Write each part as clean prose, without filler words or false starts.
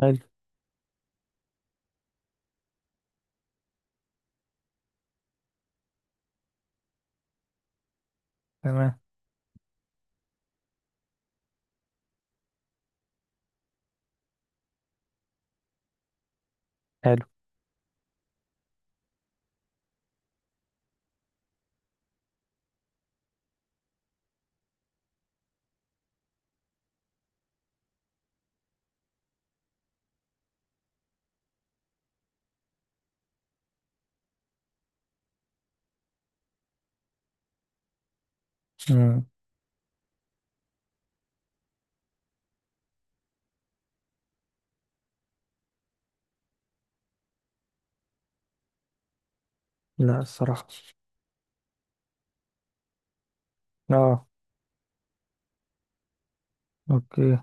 حلو. تمام. حلو. مم. لا، الصراحة. اه. اوكي.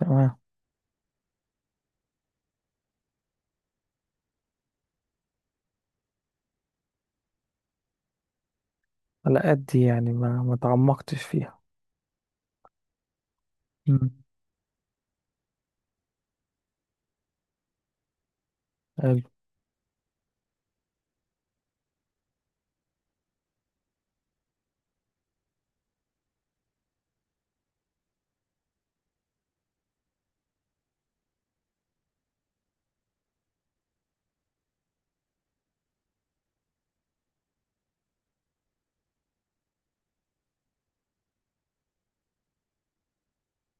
تمام. على قد يعني ما تعمقتش فيها. مم. حلو.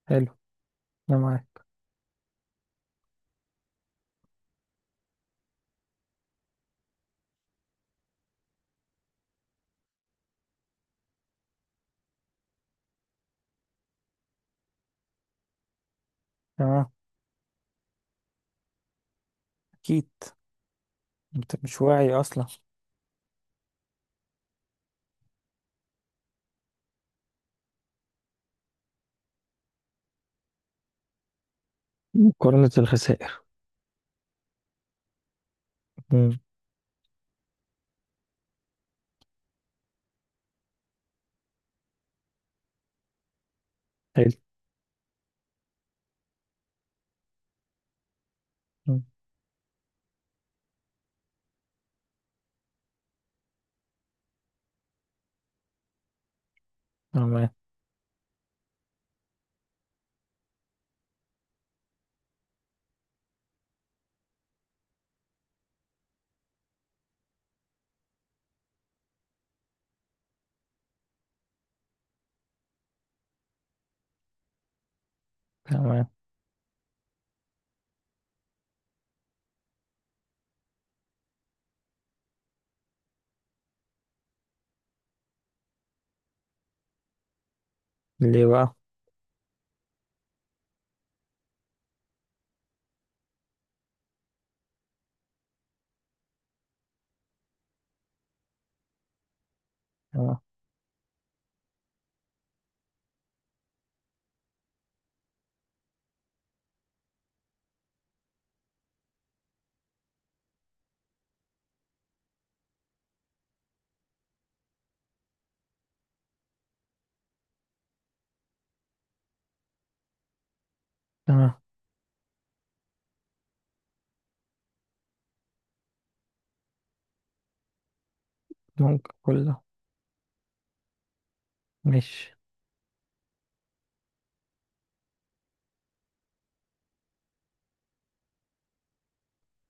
حلو. انا معاك. تمام. اكيد. انت مش واعي اصلا. مقارنة الخسائر. مم. حلو. مم. تمام. تمام. ليه بقى؟ تمام. تمام. ممكن كله. مش.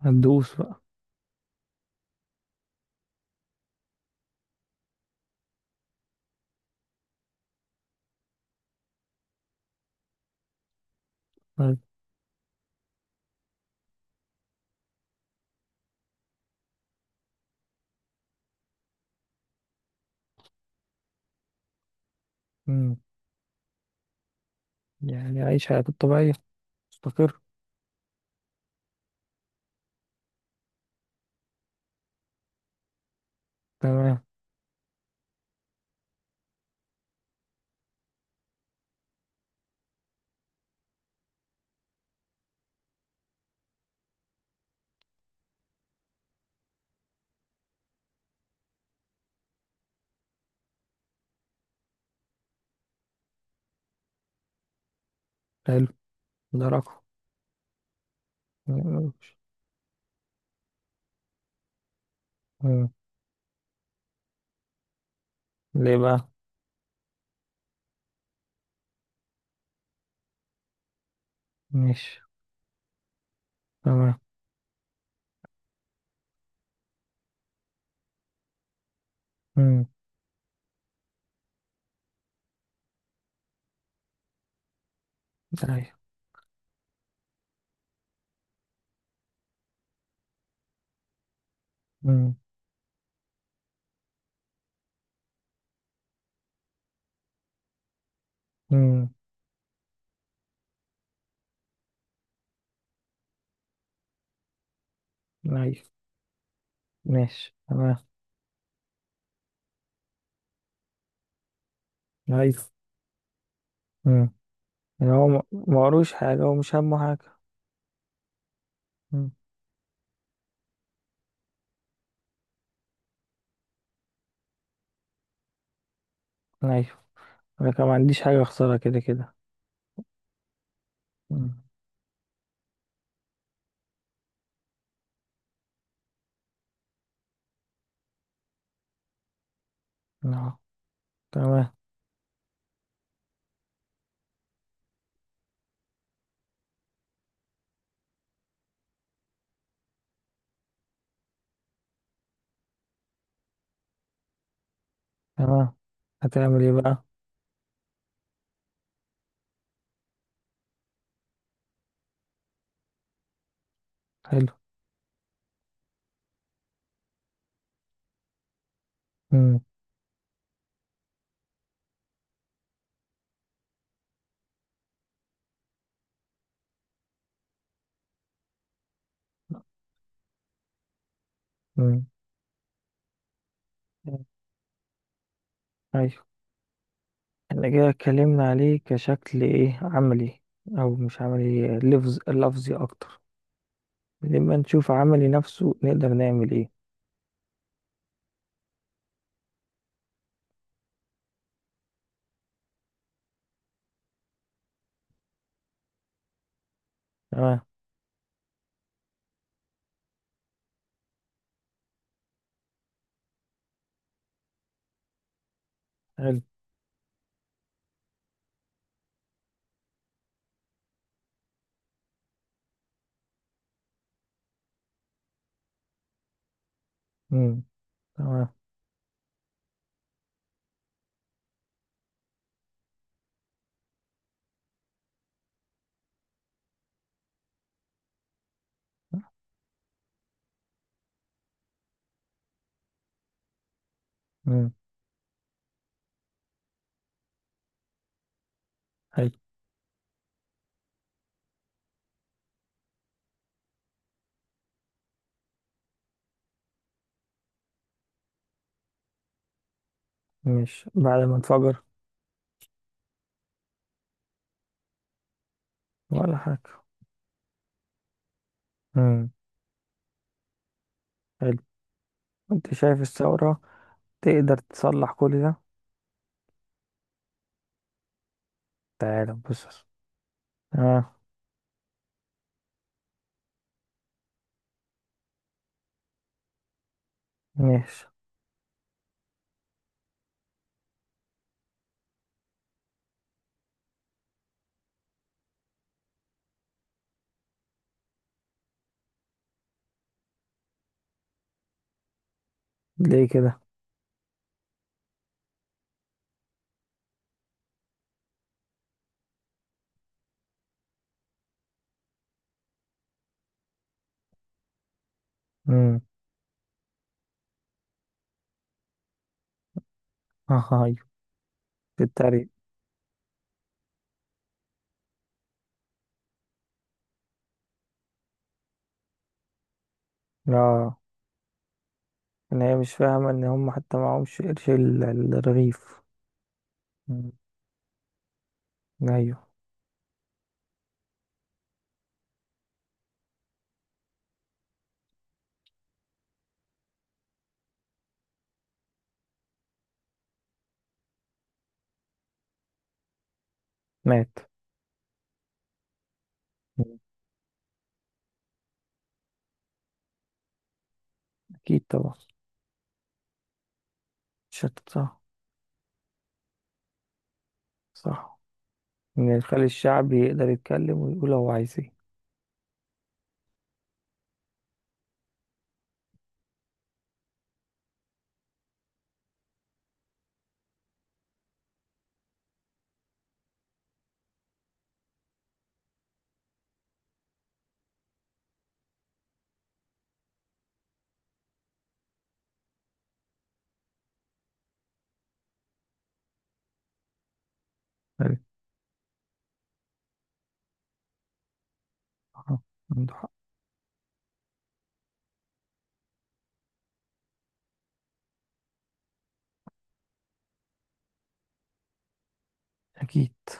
هتدوس بقى. حلو. مم. يعني عيش حياتك الطبيعية. مستقر. تمام. حلو. ده رقم. مم. ليه بقى؟ مش. تمام. امم. ايوه. امم. امم. ايوه. ماشي. تمام. ايوه. امم. يعني هو ما قروش حاجة. هو مش همه حاجة. امم. ايوه. انا كمان ما عنديش حاجة اخسرها كده كده. امم. اه. تمام. تمام. هتعمل ايه بقى؟ حلو. امم. امم. ايوه. احنا كده اتكلمنا عليه كشكل ايه، عملي او مش عملي، لفظ لفظي اكتر. لما نشوف عملي نفسه نقدر نعمل ايه. تمام. حلو. امم. تمام. امم. حلو. مش بعد ما انفجر. ولا حاجة. امم. حلو. انت شايف الثورة تقدر تصلح كل ده؟ تعالى بص. اه. ماشي. ليه كده؟ امم. اه. ايوه. بتتريق. اه. ان هي مش فاهمة ان هم حتى معهمش قرش الرغيف. مم. ايوه. مات. مم. اكيد طبعا. شتت صح. صح، ان يخلي الشعب يقدر يتكلم ويقول هو عايز ايه. حلو. آه، عنده حق. اكيد.